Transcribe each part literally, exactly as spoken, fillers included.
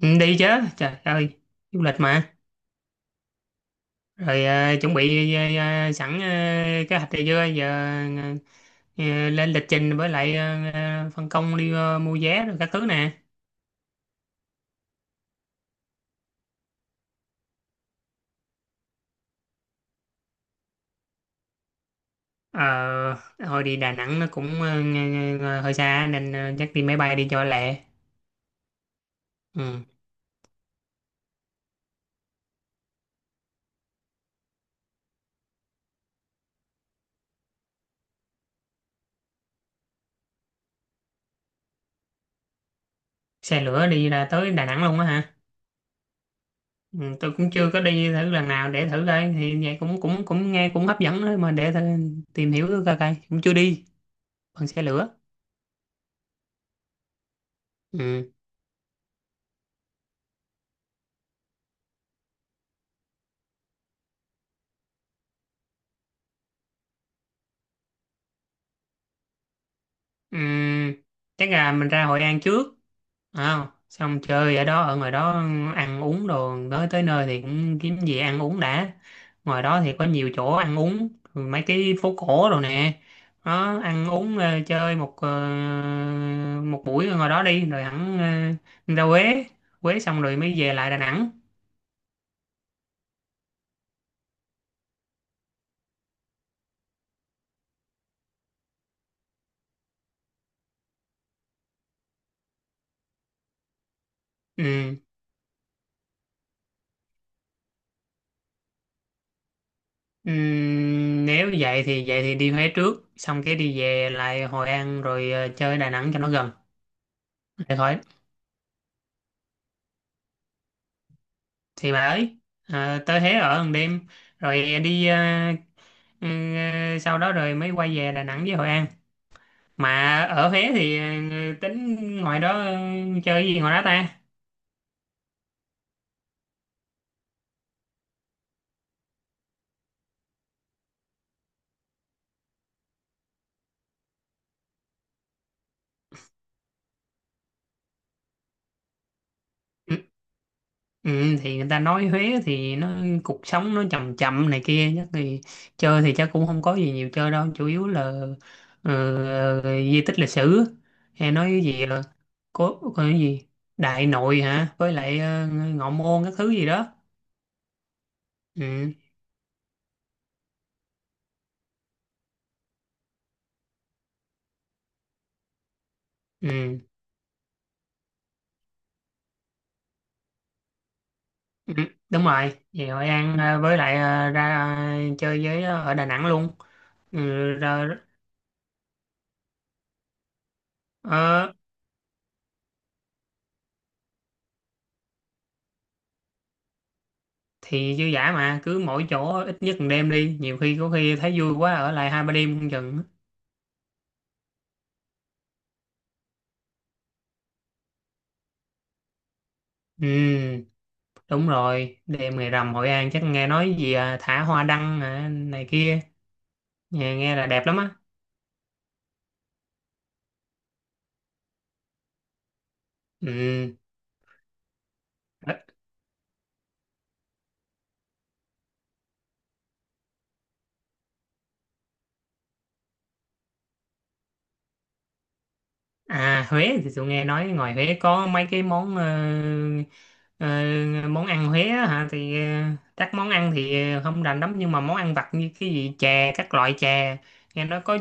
Ừ, đi chứ trời ơi du lịch mà. Rồi ờ, chuẩn bị, ờ, ờ, sẵn ờ, kế hoạch này chưa giờ ờ, ờ, lên lịch trình, với lại ờ, ờ, phân công đi ờ, mua vé rồi các thứ nè. ờ Hồi đi Đà Nẵng nó cũng ờ, ng- ng- hơi xa nên ờ, chắc đi máy bay đi cho lẹ. Ừ. Xe lửa đi ra tới Đà Nẵng luôn á hả? Ừ, tôi cũng chưa có đi thử lần nào, để thử coi thì vậy cũng cũng cũng nghe cũng hấp dẫn đó, mà để thử, tìm hiểu coi coi cũng chưa đi bằng xe lửa. Ừ. Ừm, chắc là mình ra Hội An trước. À, xong chơi ở đó, ở ngoài đó, ăn uống đồ. Tới tới nơi thì cũng kiếm gì ăn uống đã. Ngoài đó thì có nhiều chỗ ăn uống, mấy cái phố cổ rồi nè. Đó, ăn uống, ờ, chơi một, ờ, một buổi ở ngoài đó đi rồi hẳn ờ, ra Huế. Huế xong rồi mới về lại Đà Nẵng. Ừ. Ừ, nếu vậy thì vậy thì đi Huế trước, xong cái đi về lại Hội An, rồi ờ, chơi Đà Nẵng cho nó gần, để khỏi. Thì bà ấy, à, tới Huế ở một đêm rồi đi, à, ừ, sau đó rồi mới quay về Đà Nẵng với Hội An. Mà ở Huế thì, ừ, tính ngoài đó, ừ, chơi gì ngoài đó ta? Ừ, ừ, thì người ta nói Huế thì nó cuộc sống nó chậm chậm này kia, chắc thì chơi thì chắc cũng không có gì nhiều chơi đâu, chủ yếu là, ừ, di tích lịch sử hay nói cái gì, ờ, có có cái gì Đại Nội hả, với lại ờ, Ngọ Môn các thứ gì đó. Ừ. Ừ. Ừ, đúng rồi, thì Hội An ờ, với lại ờ, ra ờ, chơi với ờ, ở Đà Nẵng luôn. Ừ, ra, ờ, thì dư dả mà, cứ mỗi chỗ ít nhất một đêm đi, nhiều khi có khi thấy vui quá ở lại hai ba đêm không chừng. Ừ, đúng rồi, đêm ngày rằm Hội An chắc nghe nói gì, à, thả hoa đăng, à, này kia. Nghe, nghe là đẹp lắm á. Ừ. À, Huế thì tôi nghe nói ngoài Huế có mấy cái món ờ, ờ, món ăn Huế á hả, thì ờ, các món ăn thì ờ, không rành lắm, nhưng mà món ăn vặt như cái gì chè, các loại chè, nghe nói có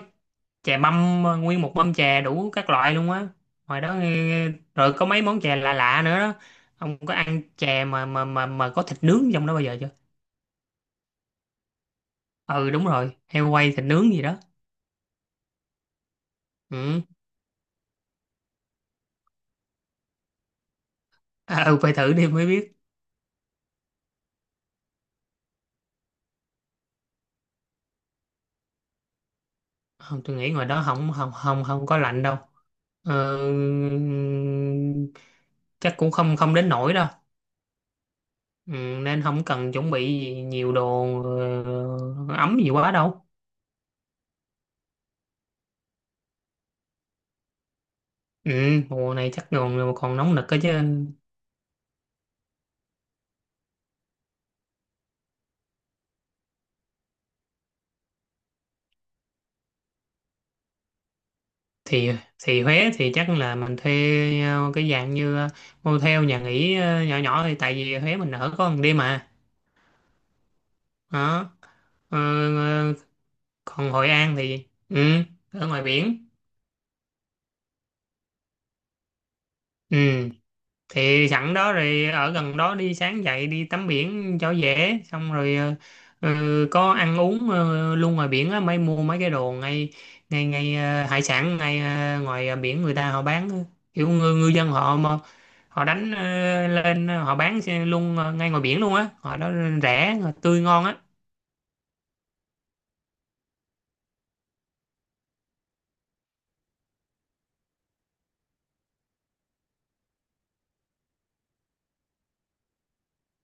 chè mâm, ờ, nguyên một mâm chè đủ các loại luôn á, ngoài đó. ờ, Rồi có mấy món chè lạ lạ nữa đó. Ông có ăn chè mà mà mà mà có thịt nướng trong đó bao giờ chưa? Ừ, đúng rồi, heo quay thịt nướng gì đó. Ừ. À, ừ, phải thử đi mới biết. Không, tôi nghĩ ngoài đó không không không không có lạnh đâu. Ờ, chắc cũng không không đến nổi đâu. Ừ, nên không cần chuẩn bị gì nhiều đồ ờ, ấm gì quá đâu. Ừ, mùa này chắc còn còn nóng nực cơ chứ. thì thì Huế thì chắc là mình thuê ờ, cái dạng như, ờ, motel nhà nghỉ ờ, nhỏ nhỏ, thì tại vì Huế mình ở có một đêm mà. Đó. Ờ. Ờ. Còn Hội An thì, ừ, ở ngoài biển. Ừ, thì sẵn đó rồi ở gần đó đi, sáng dậy đi tắm biển cho dễ, xong rồi ờ, ừ, có ăn uống ờ, luôn ngoài biển á, mới mua mấy cái đồ ngay ngay ngay ờ, hải sản, ngay ờ, ngoài ờ, biển người ta họ bán á. Kiểu ngư, ngư dân họ mà, họ đánh ờ, lên ờ, họ bán xe luôn ờ, ngay ngoài biển luôn á họ đó, rẻ, tươi, ngon á.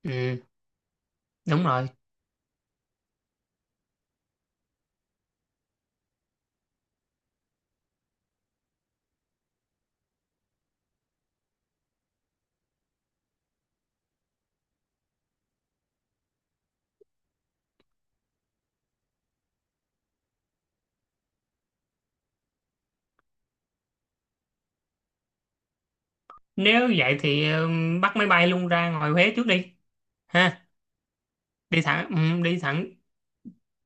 Ừ, đúng rồi, nếu vậy thì ờ, bắt máy bay luôn ra ngoài Huế trước đi, ha. Đi thẳng ừ, đi thẳng.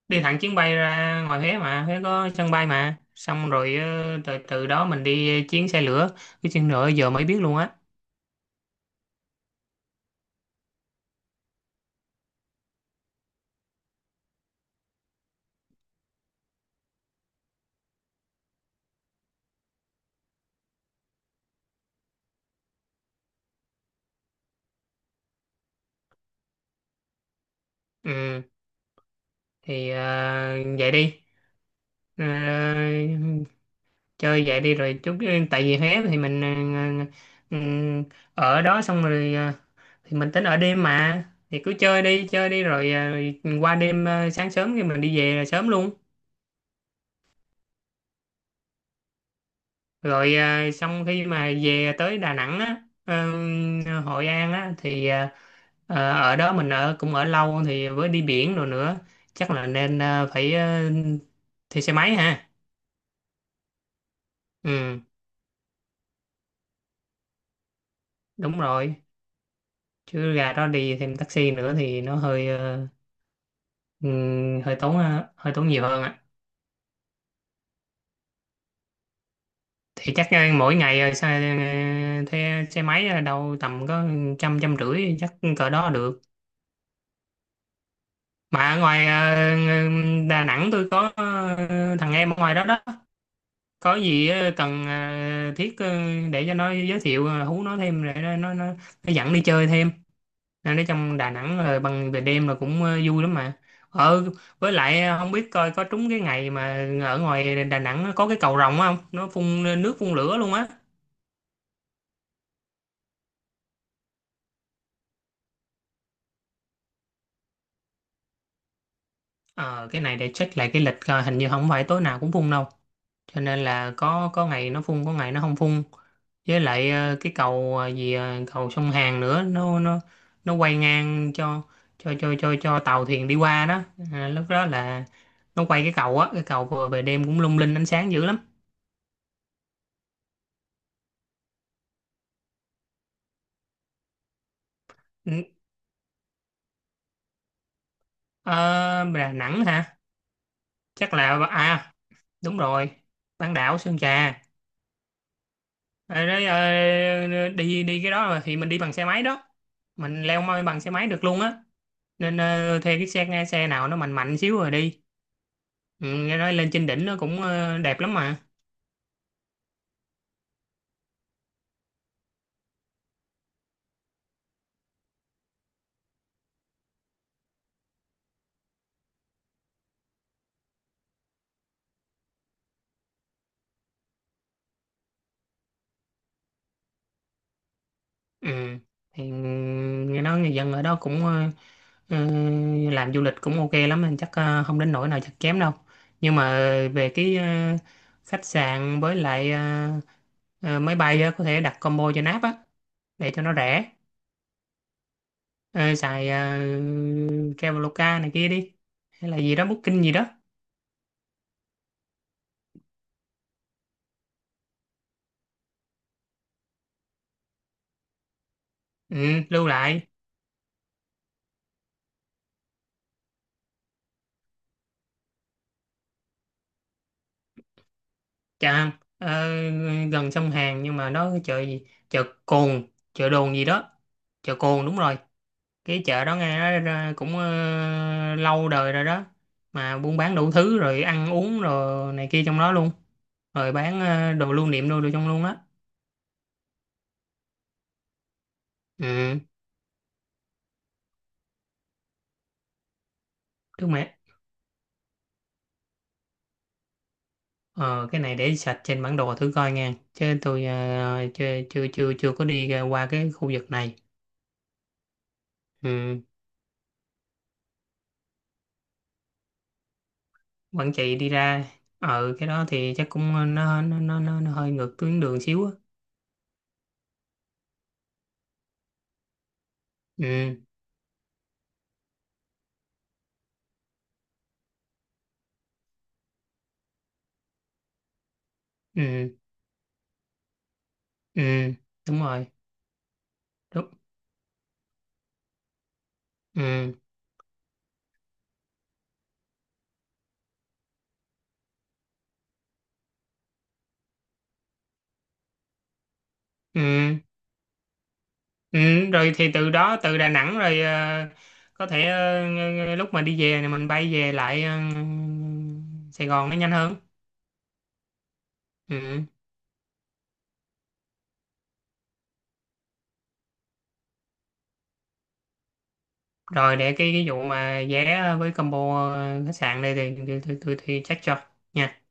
Đi thẳng chuyến bay ra ngoài Huế mà, Huế có sân bay mà, xong rồi ờ, từ từ đó mình đi chuyến xe lửa. Cái chuyến lửa giờ mới biết luôn á. Ừ, thì ờ, vậy đi. Ờ, chơi vậy đi rồi chút, ờ, tại vì Huế thì mình ờ, ừm, ở đó xong rồi ờ, thì mình tính ở đêm mà, thì cứ chơi đi chơi đi rồi ờ, qua đêm, ờ, sáng sớm thì mình đi về là sớm luôn. Rồi, à, xong khi mà về tới Đà Nẵng á, ờ, Hội An á thì, à, ờ, ở đó mình ở cũng ở lâu, thì với đi biển rồi nữa, chắc là nên, à, phải, ờ, thuê xe máy ha. Ừ, đúng rồi, chứ gà đó đi thêm taxi nữa thì nó hơi ờ, ừ, hơi tốn, ờ, hơi tốn nhiều hơn ạ. Thì chắc ờ, mỗi ngày, ờ, xe- ờ, thuê xe máy là đâu tầm có trăm trăm rưỡi, chắc cỡ đó được. Mà ở ngoài ờ, Đà Nẵng tôi có ờ, thằng em ở ngoài đó đó. Có gì ờ, cần, ờ, thiết, ờ, để cho nó giới thiệu, ờ, hú nó thêm để nó nó nó, nó dẫn đi chơi thêm. Nên ở trong Đà Nẵng rồi bằng về đêm là cũng ờ, vui lắm mà. Ờ, với lại ờ, không biết coi có trúng cái ngày mà ở ngoài Đà Nẵng nó có cái cầu rồng không? Nó phun nước phun lửa luôn á. Ờ, cái này để check lại cái lịch coi, hình như không phải tối nào cũng phun đâu. Cho nên là có có ngày nó phun, có ngày nó không phun. Với lại ờ, cái cầu, ờ, gì ờ, cầu sông Hàn nữa, nó nó nó quay ngang cho cho cho cho cho tàu thuyền đi qua đó. À, lúc đó là nó quay cái cầu á, cái cầu vừa về đêm cũng lung linh ánh sáng dữ lắm. Ừ. Ờ, Đà Nẵng hả? Chắc là, à, đúng rồi, bán đảo Sơn Trà. Ờ, đấy, ờ, đi đi cái đó mà thì mình đi bằng xe máy đó, mình leo mây bằng xe máy được luôn á. Nên ờ, thuê cái xe xe nào nó mạnh mạnh xíu rồi đi. Ừ, nghe nói lên trên đỉnh nó cũng ờ, đẹp lắm mà. Ừ. Thì, ừ, nghe nói người dân ở đó cũng ờ, ờ, làm du lịch cũng ok lắm, nên chắc ờ, không đến nỗi nào chắc kém đâu. Nhưng mà về cái ờ, khách sạn, với lại ờ, ờ, máy bay á, có thể đặt combo cho náp á để cho nó rẻ. Ờ, xài ờ, Traveloka này kia đi, hay là gì đó Booking gì đó. Ừ, lưu lại. Chà, ờ, gần sông Hàn nhưng mà nó cái chợ gì? Chợ Cồn, chợ Đồn gì đó. Chợ Cồn đúng rồi. Cái chợ đó nghe nói ra cũng ờ, lâu đời rồi đó. Mà buôn bán đủ thứ rồi ăn uống rồi này kia trong đó luôn. Rồi bán ờ, đồ lưu niệm đồ, đồ trong luôn á. Ừ, trước mẹ. Ờ, cái này để sạch trên bản đồ thử coi nha. Chứ tôi ờ, chưa chưa chưa chưa có đi ra qua cái khu vực này. Ừ. Quảng Trị đi ra, ừ, cái đó thì chắc cũng ờ, nó nó nó nó, nó hơi ngược tuyến đường xíu á. Ừ. Ừ. Ừ, đúng rồi. Đúng. Ừ. Ừ. Ừ, rồi thì từ đó, từ Đà Nẵng rồi ờ, có thể, ờ, ng- ng- lúc mà đi về thì mình bay về lại ờ, Sài Gòn nó nhanh hơn. Ừ. Rồi để cái cái vụ mà vé với combo, ờ, khách sạn đây thì tôi tôi tôi, tôi, tôi check cho nha.